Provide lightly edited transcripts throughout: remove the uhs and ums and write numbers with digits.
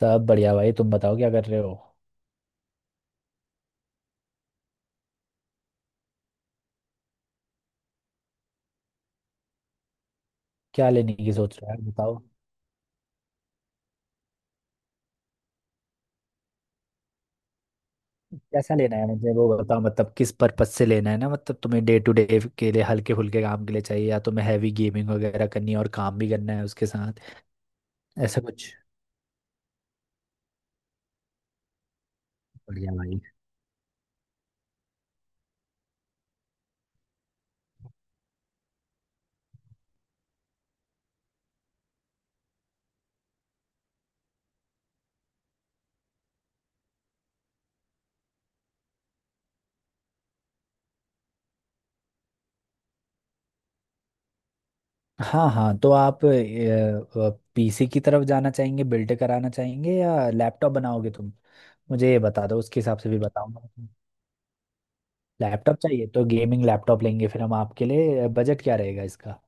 सब बढ़िया भाई। तुम बताओ क्या कर रहे हो? क्या लेने की सोच रहे हो यार, बताओ। कैसा लेना है मुझे वो बताओ, मतलब किस पर्पज से लेना है ना, मतलब तुम्हें डे टू डे के लिए हल्के फुल्के काम के लिए चाहिए या तुम्हें हैवी गेमिंग वगैरह करनी है और काम भी करना है उसके साथ? ऐसा कुछ। बढ़िया भाई। हाँ हाँ, तो आप पीसी की तरफ जाना चाहेंगे, बिल्ड कराना चाहेंगे या लैपटॉप बनाओगे तुम? मुझे ये बता दो, उसके हिसाब से भी बताऊंगा। लैपटॉप चाहिए तो गेमिंग लैपटॉप लेंगे फिर हम आपके लिए, बजट क्या रहेगा इसका?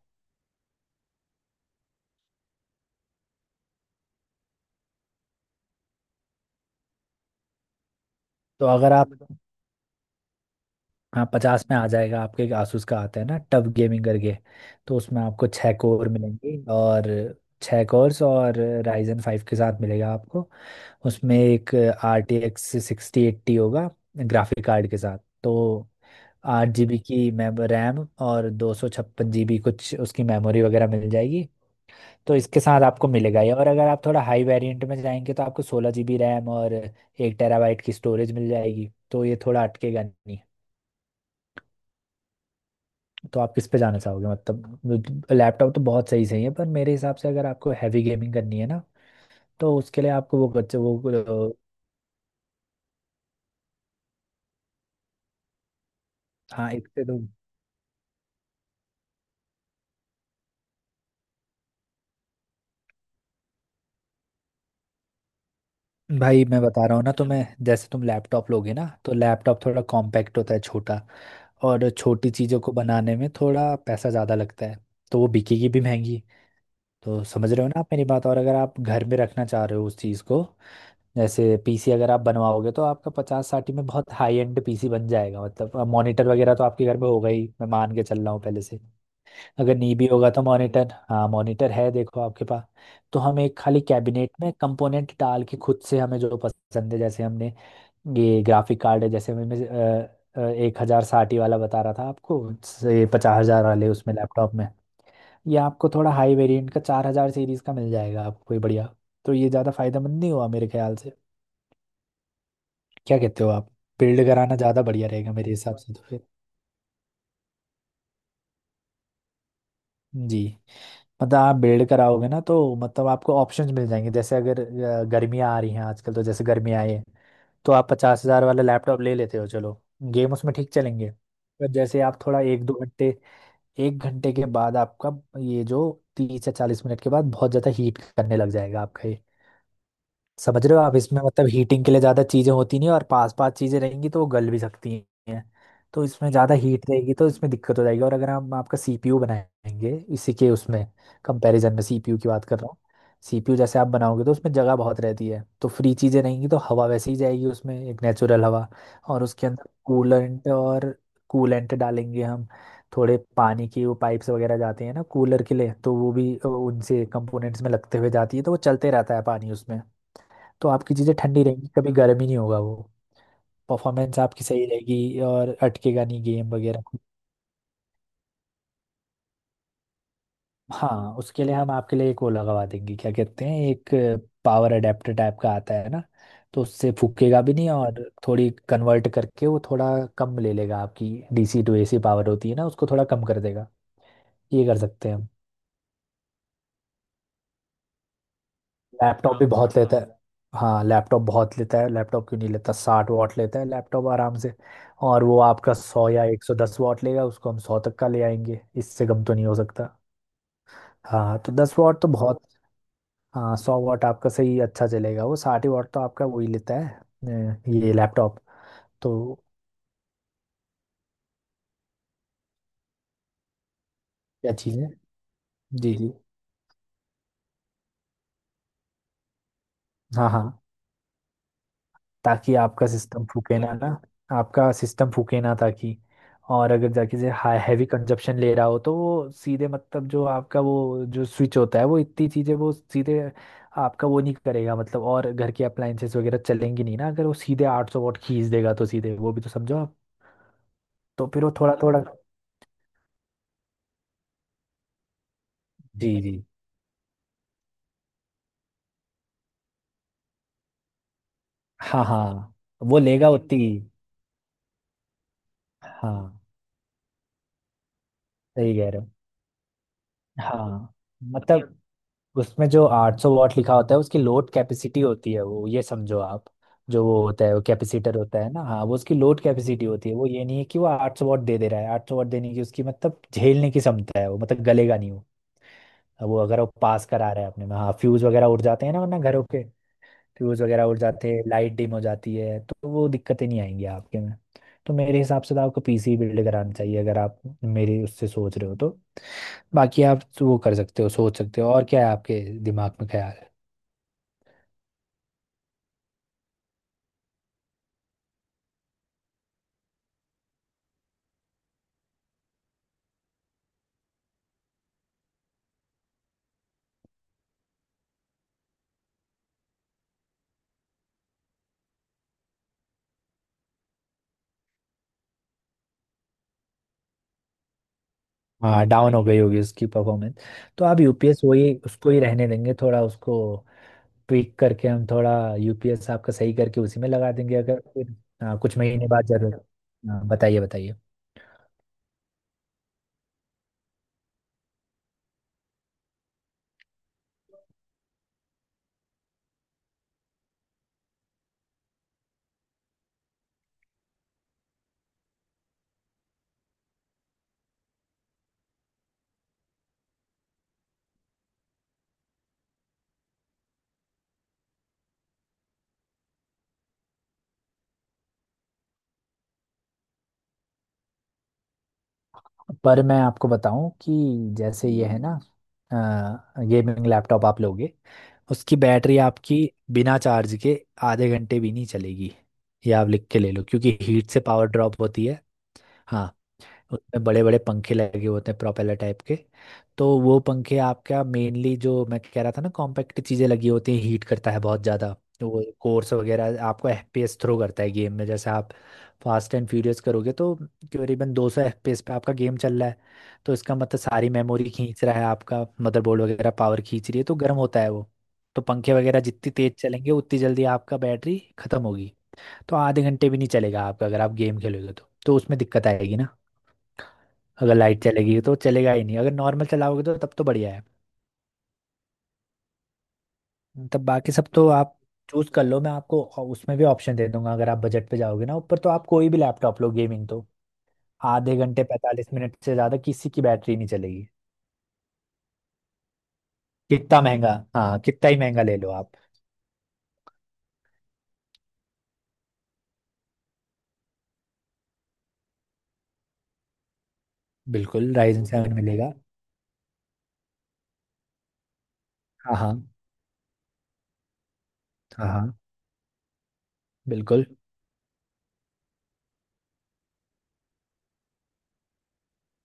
तो अगर आप, हाँ, पचास में आ जाएगा आपके, एक आसूस का आता है ना टफ गेमिंग करके। तो उसमें आपको छः कोर मिलेंगे, और छः कोर्स और राइजन फाइव के साथ मिलेगा आपको। उसमें एक R T X sixty eighty होगा ग्राफिक कार्ड के साथ। तो 8 GB की मेम रैम और 256 GB कुछ उसकी मेमोरी वगैरह मिल जाएगी। तो इसके साथ आपको मिलेगा ये, और अगर आप थोड़ा हाई वेरिएंट में जाएंगे तो आपको 16 GB रैम और 1 TB की स्टोरेज मिल जाएगी, तो ये थोड़ा अटकेगा नहीं। तो आप किस पे जाना चाहोगे? मतलब लैपटॉप तो बहुत सही सही है, पर मेरे हिसाब से अगर आपको हैवी गेमिंग करनी है ना, तो उसके लिए आपको वो बच्चे वो अ, हाँ एक से तो। भाई मैं बता रहा हूँ ना, तो मैं जैसे तुम लैपटॉप लोगे ना, तो लैपटॉप थोड़ा कॉम्पैक्ट होता है, छोटा। और छोटी चीज़ों को बनाने में थोड़ा पैसा ज़्यादा लगता है, तो वो बिकेगी भी महंगी। तो समझ रहे हो ना आप मेरी बात? और अगर आप घर में रखना चाह रहे हो उस चीज़ को, जैसे पीसी अगर आप बनवाओगे तो आपका पचास साठ में बहुत हाई एंड पीसी बन जाएगा, मतलब मॉनिटर वगैरह तो आपके घर में होगा ही, मैं मान के चल रहा हूँ पहले से। अगर नहीं भी होगा तो मॉनिटर, हाँ, मॉनिटर है देखो आपके पास। तो हम एक खाली कैबिनेट में कंपोनेंट डाल के खुद से, हमें जो पसंद है, जैसे हमने ये ग्राफिक कार्ड है, जैसे हमें एक हजार साठ वाला बता रहा था आपको, से पचास हजार वाले उसमें लैपटॉप में। ये आपको थोड़ा हाई वेरिएंट का चार हजार सीरीज का मिल जाएगा आपको, ये बढ़िया। तो ये ज़्यादा फायदेमंद नहीं हुआ मेरे ख्याल से। क्या कहते हो आप? बिल्ड कराना ज़्यादा बढ़िया रहेगा मेरे हिसाब से तो फिर। जी। मतलब आप बिल्ड कराओगे ना, तो मतलब आपको ऑप्शंस मिल जाएंगे, जैसे अगर गर्मियाँ आ रही हैं आजकल, तो जैसे गर्मियाँ आई है तो आप पचास हज़ार वाला लैपटॉप ले लेते हो चलो, गेम उसमें ठीक चलेंगे। पर जैसे आप थोड़ा एक दो घंटे, एक घंटे के बाद आपका ये जो, 30 या 40 मिनट के बाद बहुत ज़्यादा हीट करने लग जाएगा आपका ये। समझ रहे हो आप इसमें? मतलब हीटिंग के लिए ज़्यादा चीज़ें होती नहीं और पास पास चीज़ें रहेंगी तो वो गल भी सकती हैं। तो इसमें ज़्यादा हीट रहेगी तो इसमें दिक्कत हो जाएगी, और अगर हम आपका सीपीयू बनाएंगे इसी के, उसमें कंपैरिजन में सीपीयू की बात कर रहा हूँ। सीपीयू जैसे आप बनाओगे तो उसमें जगह बहुत रहती है, तो फ्री चीज़ें रहेंगी, तो हवा वैसे ही जाएगी उसमें, एक नेचुरल हवा। और उसके अंदर कूलेंट और कूलेंट डालेंगे हम, थोड़े पानी की वो पाइप्स वगैरह जाते हैं ना कूलर के लिए, तो वो भी उनसे कंपोनेंट्स में लगते हुए जाती है, तो वो चलते रहता है पानी उसमें। तो आपकी चीज़ें ठंडी रहेंगी, कभी गर्म ही नहीं होगा वो। परफॉर्मेंस आपकी सही रहेगी और अटकेगा नहीं गेम वगैरह। हाँ, उसके लिए हम आपके लिए एक वो लगवा देंगे, क्या कहते हैं, एक पावर अडेप्टर टाइप का आता है ना। तो उससे फूकेगा भी नहीं, और थोड़ी कन्वर्ट करके वो थोड़ा कम ले लेगा। आपकी डीसी टू एसी पावर होती है ना, उसको थोड़ा कम कर देगा, ये कर सकते हैं हम। लैपटॉप भी काम बहुत, हाँ, लेता है। हाँ लैपटॉप बहुत लेता है, लैपटॉप क्यों नहीं लेता? 60 वॉट लेता है लैपटॉप आराम से। और वो आपका सौ या 110 वॉट लेगा, उसको हम सौ तक का ले आएंगे, इससे कम तो नहीं हो सकता। हाँ तो 10 वॉट तो बहुत। हाँ, 100 वॉट आपका सही अच्छा चलेगा। वो 60 वॉट तो आपका वही लेता है ये लैपटॉप। तो क्या चीज़ है? जी जी। हाँ हाँ, ताकि आपका सिस्टम फूके ना ना, आपका सिस्टम फूके ना, ताकि और अगर जाके से हाई हैवी कंजप्शन ले रहा हो तो वो सीधे, मतलब जो आपका वो जो स्विच होता है वो इतनी चीज़ें वो सीधे आपका वो नहीं करेगा, मतलब और घर के अप्लाइंसेस वगैरह चलेंगी नहीं ना, अगर वो सीधे 800 वॉट खींच देगा तो सीधे वो भी तो समझो आप। तो फिर वो थोड़ा थोड़ा। जी जी, हाँ हाँ, वो लेगा उतनी। हाँ सही कह रहे हो। हाँ, मतलब उसमें जो 800 वॉट लिखा होता है उसकी लोड कैपेसिटी होती है वो, ये समझो आप। जो वो होता है वो कैपेसिटर होता है ना, हाँ, वो उसकी लोड कैपेसिटी होती है वो, ये नहीं है कि वो 800 वॉट दे दे रहा है, 800 वॉट देने की उसकी मतलब झेलने की क्षमता है वो, मतलब गलेगा नहीं वो। वो अगर वो पास करा रहा है अपने में, हाँ, फ्यूज वगैरह उड़ जाते हैं ना, वरना घरों के फ्यूज वगैरह उड़ जाते हैं, लाइट डिम हो जाती है, तो वो दिक्कतें नहीं आएंगी आपके में। तो मेरे हिसाब से तो आपको पीसी बिल्ड कराना चाहिए अगर आप मेरी, उससे सोच रहे हो तो। बाकी आप वो कर सकते हो, सोच सकते हो, और क्या है आपके दिमाग में ख्याल। हाँ, डाउन हो गई होगी उसकी परफॉर्मेंस। तो आप यूपीएस वही उसको ही रहने देंगे, थोड़ा उसको ट्विक करके हम थोड़ा, यूपीएस आपका सही करके उसी में लगा देंगे अगर फिर। हाँ, कुछ महीने बाद जरूर। हाँ, बताइए बताइए। पर मैं आपको बताऊं कि जैसे ये है ना, गेमिंग लैपटॉप आप लोगे, उसकी बैटरी आपकी बिना चार्ज के आधे घंटे भी नहीं चलेगी, ये आप लिख के ले लो, क्योंकि हीट से पावर ड्रॉप होती है। हाँ, उसमें बड़े बड़े पंखे लगे होते हैं प्रोपेलर टाइप के। तो वो पंखे आपका मेनली, जो मैं कह रहा था ना, कॉम्पैक्ट चीज़ें लगी होती हैं, हीट करता है बहुत ज़्यादा। तो वो कोर्स वगैरह आपको एफपीएस थ्रो करता है गेम में, जैसे आप फास्ट एंड फ्यूरियस करोगे तो करीबन 200 एफपीएस पे आपका गेम चल रहा है। तो इसका मतलब सारी मेमोरी खींच रहा है आपका, मदरबोर्ड वगैरह पावर खींच रही है, तो गर्म होता है वो। तो पंखे वगैरह जितनी तेज चलेंगे उतनी जल्दी आपका बैटरी खत्म होगी। तो आधे घंटे भी नहीं चलेगा आपका अगर आप गेम खेलोगे तो उसमें दिक्कत आएगी। अगर लाइट चलेगी तो चलेगा ही नहीं, अगर नॉर्मल चलाओगे तो तब तो बढ़िया है। तब बाकी सब तो आप चूज कर लो, मैं आपको उसमें भी ऑप्शन दे दूंगा। अगर आप बजट पे जाओगे ना ऊपर, तो आप कोई भी लैपटॉप लो, गेमिंग तो आधे घंटे 45 मिनट से ज्यादा किसी की बैटरी नहीं चलेगी। कितना महंगा, हाँ, कितना ही महंगा ले लो आप। बिल्कुल राइजन सेवन मिलेगा। हाँ हाँ। हाँ हाँ। बिल्कुल।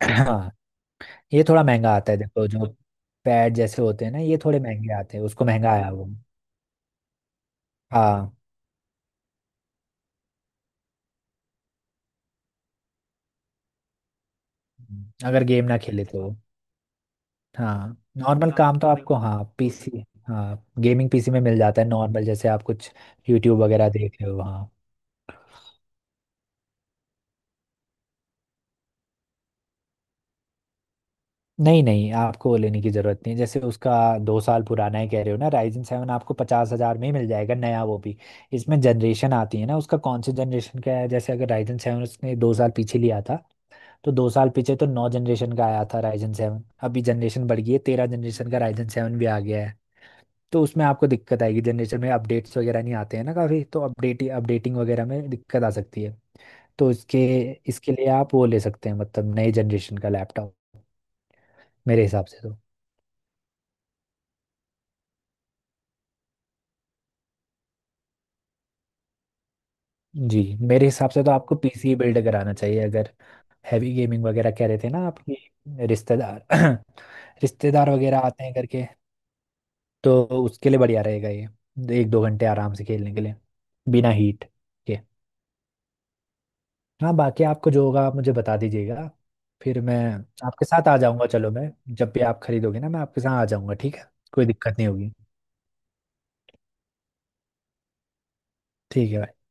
हाँ, ये थोड़ा महंगा आता है देखो, जो पैड जैसे होते हैं ना, ये थोड़े महंगे आते हैं, उसको महंगा आया वो। हाँ, अगर गेम ना खेले तो। हाँ, नॉर्मल काम काम तो नहीं आपको होता, हाँ पीसी। हाँ, गेमिंग पीसी में मिल जाता है नॉर्मल, जैसे आप कुछ यूट्यूब वगैरह देख रहे हो, हाँ। नहीं नहीं, आपको वो लेने की ज़रूरत नहीं है। जैसे उसका दो साल पुराना है कह रहे हो ना, राइजन सेवन आपको पचास हज़ार में ही मिल जाएगा नया वो भी। इसमें जनरेशन आती है ना, उसका कौन से जनरेशन का है, जैसे अगर राइजन सेवन उसने दो साल पीछे लिया था, तो दो साल पीछे तो नौ जनरेशन का आया था राइजन सेवन। अभी जनरेशन बढ़ गई है, तेरह जनरेशन का राइजन सेवन भी आ गया है। तो उसमें आपको दिक्कत आएगी, जनरेशन में अपडेट्स वगैरह नहीं आते हैं ना काफ़ी, तो अपडेटिंग वगैरह में दिक्कत आ सकती है। तो इसके इसके लिए आप वो ले सकते हैं, मतलब नए जनरेशन का लैपटॉप, मेरे हिसाब से तो। जी। मेरे हिसाब से तो आपको पीसी बिल्ड कराना चाहिए अगर हैवी गेमिंग वगैरह कह रहे थे ना आपके रिश्तेदार, रिश्तेदार वगैरह आते हैं करके, तो उसके लिए बढ़िया रहेगा ये, एक दो घंटे आराम से खेलने के लिए बिना हीट के। हाँ, बाकी आपको जो होगा आप मुझे बता दीजिएगा, फिर मैं आपके साथ आ जाऊंगा। चलो मैं, जब भी आप खरीदोगे ना मैं आपके साथ आ जाऊंगा, ठीक है, कोई दिक्कत नहीं होगी। ठीक है भाई।